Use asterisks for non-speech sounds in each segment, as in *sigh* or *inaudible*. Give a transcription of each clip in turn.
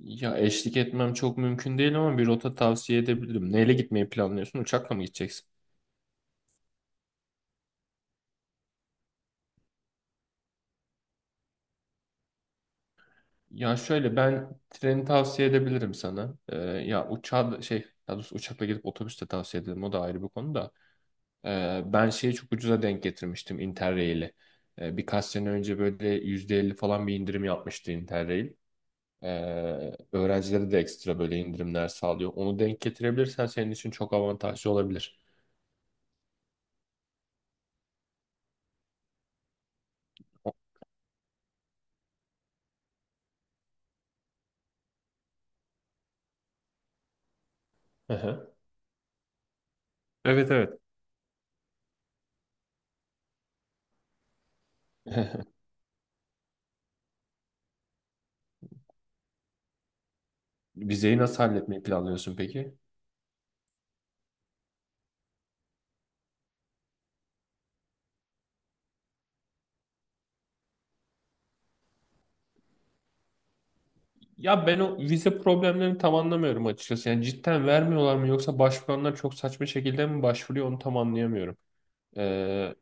Ya eşlik etmem çok mümkün değil ama bir rota tavsiye edebilirim. Neyle gitmeyi planlıyorsun? Uçakla mı gideceksin? Ya şöyle ben treni tavsiye edebilirim sana. Ya uçağı da- şey daha doğrusu uçakla gidip otobüste tavsiye ederim. O da ayrı bir konu da. Ben şeyi çok ucuza denk getirmiştim Interrail'i. Birkaç sene önce böyle %50 falan bir indirim yapmıştı Interrail. Öğrencilere de ekstra böyle indirimler sağlıyor. Onu denk getirebilirsen senin için çok avantajlı olabilir. Hı hı. Evet evet. *laughs* Vizeyi nasıl halletmeyi planlıyorsun peki? Ya ben o vize problemlerini tam anlamıyorum açıkçası. Yani cidden vermiyorlar mı yoksa başvuranlar çok saçma şekilde mi başvuruyor onu tam anlayamıyorum. Ee,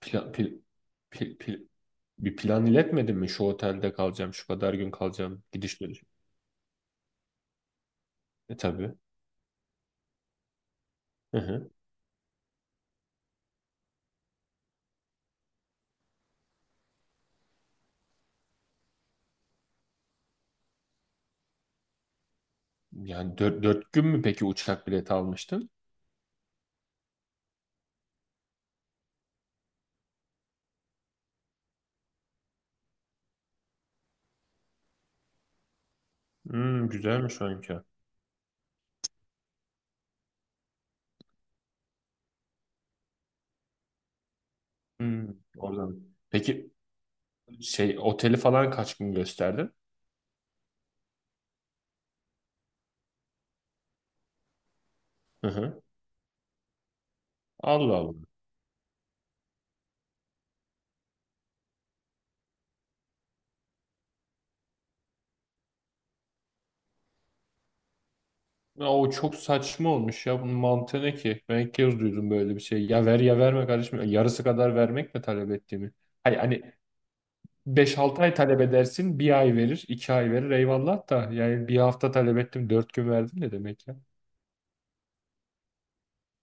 pla- pil- pil- pil- bir plan iletmedin mi? Şu otelde kalacağım, şu kadar gün kalacağım, gidiş dönüş. E tabii. Hı hı. Yani dört gün mü peki uçak bileti almıştın? Hmm, güzelmiş o. Hmm, oradan. Peki şey oteli falan kaç gün gösterdin? Hı hı. Allah Allah. Ya o çok saçma olmuş ya. Bunun mantığı ne ki? Ben ilk kez duydum böyle bir şey. Ya ver ya verme kardeşim. Yarısı kadar vermek mi talep ettiğimi? Hani beş altı ay talep edersin. Bir ay verir, iki ay verir. Eyvallah da. Yani bir hafta talep ettim. Dört gün verdim ne demek ya?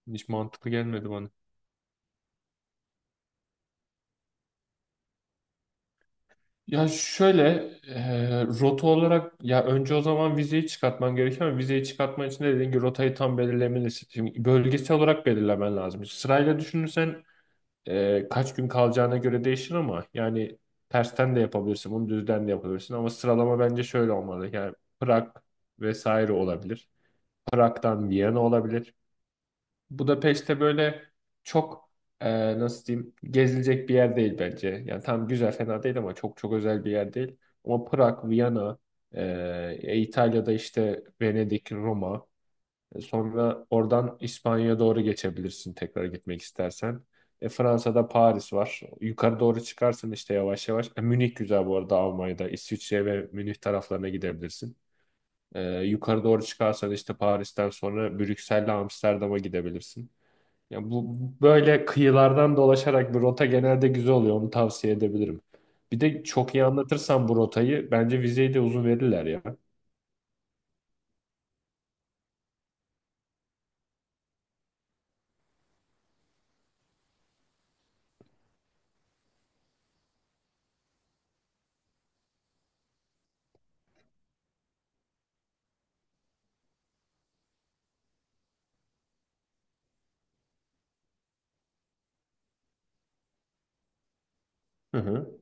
Hiç mantıklı gelmedi bana. Ya şöyle, rota olarak ya önce o zaman vizeyi çıkartman gerekiyor ama vizeyi çıkartman için de dediğin gibi rotayı tam belirlemelisin. Şimdi bölgesel olarak belirlemen lazım. Sırayla düşünürsen kaç gün kalacağına göre değişir ama yani tersten de yapabilirsin, bunu düzden de yapabilirsin ama sıralama bence şöyle olmalı. Yani Prag vesaire olabilir. Prag'dan Viyana olabilir. Budapeşte böyle çok, nasıl diyeyim, gezilecek bir yer değil bence. Yani tam güzel, fena değil ama çok özel bir yer değil. Ama Prag, Viyana, İtalya'da işte Venedik, Roma. Sonra oradan İspanya'ya doğru geçebilirsin tekrar gitmek istersen. Fransa'da Paris var. Yukarı doğru çıkarsın işte yavaş yavaş. Münih güzel bu arada Almanya'da. İsviçre ve Münih taraflarına gidebilirsin. Yukarı doğru çıkarsan işte Paris'ten sonra Brüksel'le Amsterdam'a gidebilirsin. Ya bu böyle kıyılardan dolaşarak bir rota genelde güzel oluyor. Onu tavsiye edebilirim. Bir de çok iyi anlatırsan bu rotayı bence vizeyi de uzun verirler ya. Hı hı.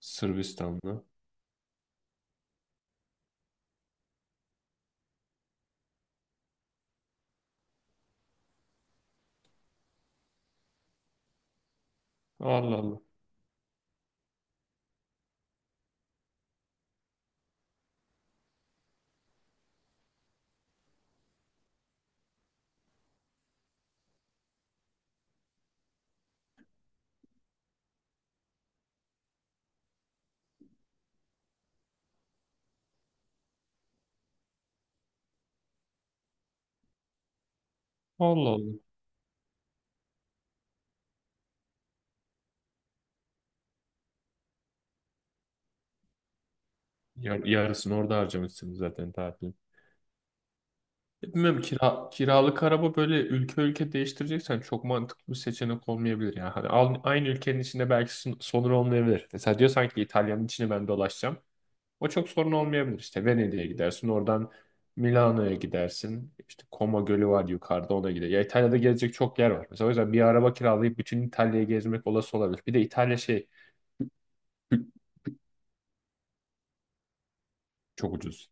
Sırbistan'da. Allah Allah. Allah Allah. Yarısını orada harcamışsın zaten tatilin. Bilmiyorum, kiralık araba böyle ülke ülke değiştireceksen çok mantıklı bir seçenek olmayabilir. Yani hani aynı ülkenin içinde belki sorun olmayabilir. Mesela diyorsan ki İtalya'nın içine ben dolaşacağım. O çok sorun olmayabilir. İşte Venedik'e gidersin, oradan Milano'ya gidersin. İşte Como Gölü var yukarıda, ona gider. Ya İtalya'da gezecek çok yer var. Mesela o yüzden bir araba kiralayıp bütün İtalya'yı gezmek olası olabilir. Bir de İtalya şey. *laughs* Çok ucuz.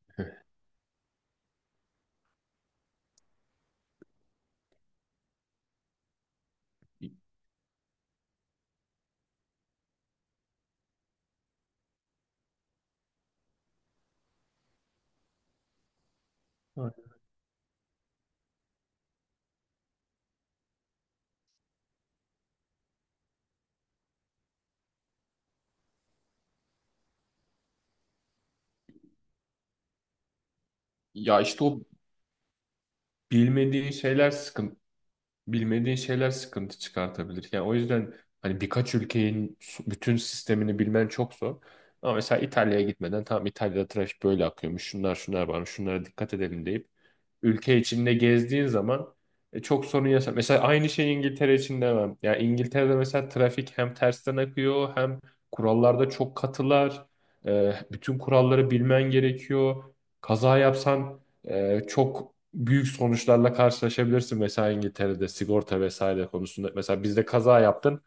Evet. Ya işte o bilmediğin şeyler sıkıntı. Bilmediğin şeyler sıkıntı çıkartabilir. Yani o yüzden hani birkaç ülkenin bütün sistemini bilmen çok zor. Ama mesela İtalya'ya gitmeden tamam, İtalya'da trafik böyle akıyormuş. Şunlar şunlar varmış. Şunlara dikkat edelim deyip ülke içinde gezdiğin zaman, çok sorun yaşa. Mesela aynı şey İngiltere için demem. Yani İngiltere'de mesela trafik hem tersten akıyor hem kurallarda çok katılar. Bütün kuralları bilmen gerekiyor. Kaza yapsan çok büyük sonuçlarla karşılaşabilirsin mesela İngiltere'de sigorta vesaire konusunda. Mesela bizde kaza yaptın,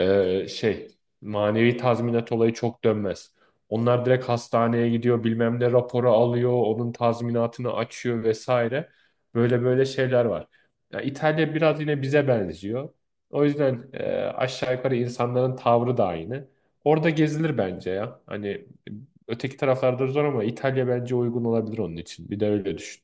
ee, şey manevi tazminat olayı çok dönmez. Onlar direkt hastaneye gidiyor, bilmem ne raporu alıyor, onun tazminatını açıyor vesaire. Böyle şeyler var. Ya İtalya biraz yine bize benziyor. O yüzden aşağı yukarı insanların tavrı da aynı. Orada gezilir bence ya. Hani öteki taraflarda zor ama İtalya bence uygun olabilir onun için. Bir de öyle düşün.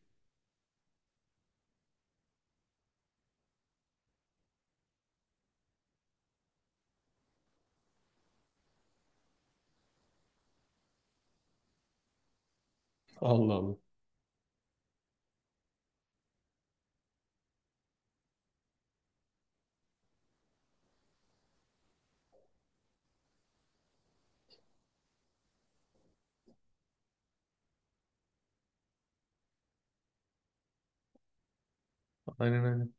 Allah Allah. Aynen.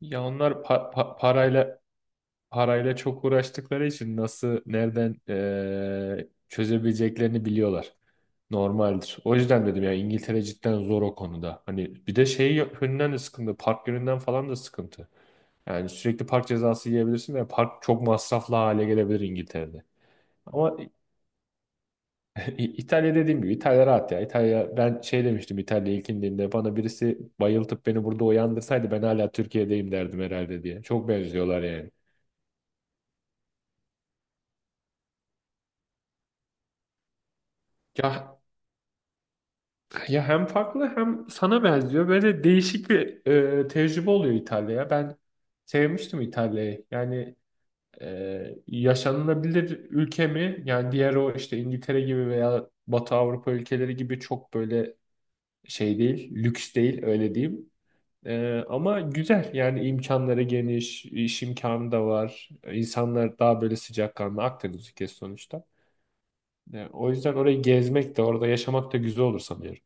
Ya onlar parayla çok uğraştıkları için nasıl nereden çözebileceklerini biliyorlar. Normaldir. O yüzden dedim ya, İngiltere cidden zor o konuda. Hani bir de şey yönünden de sıkıntı. Park yönünden falan da sıkıntı. Yani sürekli park cezası yiyebilirsin ve park çok masraflı hale gelebilir İngiltere'de. Ama İtalya, dediğim gibi İtalya rahat ya. İtalya, ben şey demiştim, İtalya ilk indiğimde bana birisi bayıltıp beni burada uyandırsaydı ben hala Türkiye'deyim derdim herhalde diye. Çok benziyorlar yani. Ya ya hem farklı hem sana benziyor. Böyle değişik bir, tecrübe oluyor İtalya'ya. Ben sevmiştim İtalya'yı. Yani, yaşanılabilir ülke mi? Yani diğer o işte İngiltere gibi veya Batı Avrupa ülkeleri gibi çok böyle şey değil, lüks değil, öyle diyeyim. Ama güzel yani, imkanları geniş, iş imkanı da var. İnsanlar daha böyle sıcakkanlı, Akdeniz ülkesi sonuçta. O yüzden orayı gezmek de orada yaşamak da güzel olur sanıyorum.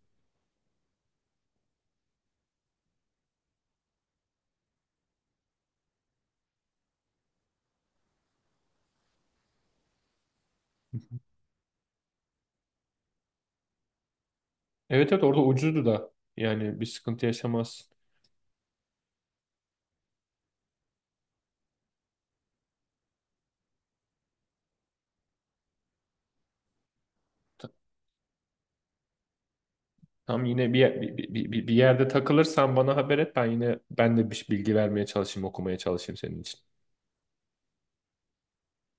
Evet evet, orada ucuzdu da, yani bir sıkıntı yaşamazsın. Ta- Tam yine bir yerde takılırsan bana haber et, ben yine, ben de bir bilgi vermeye çalışayım, okumaya çalışayım senin için.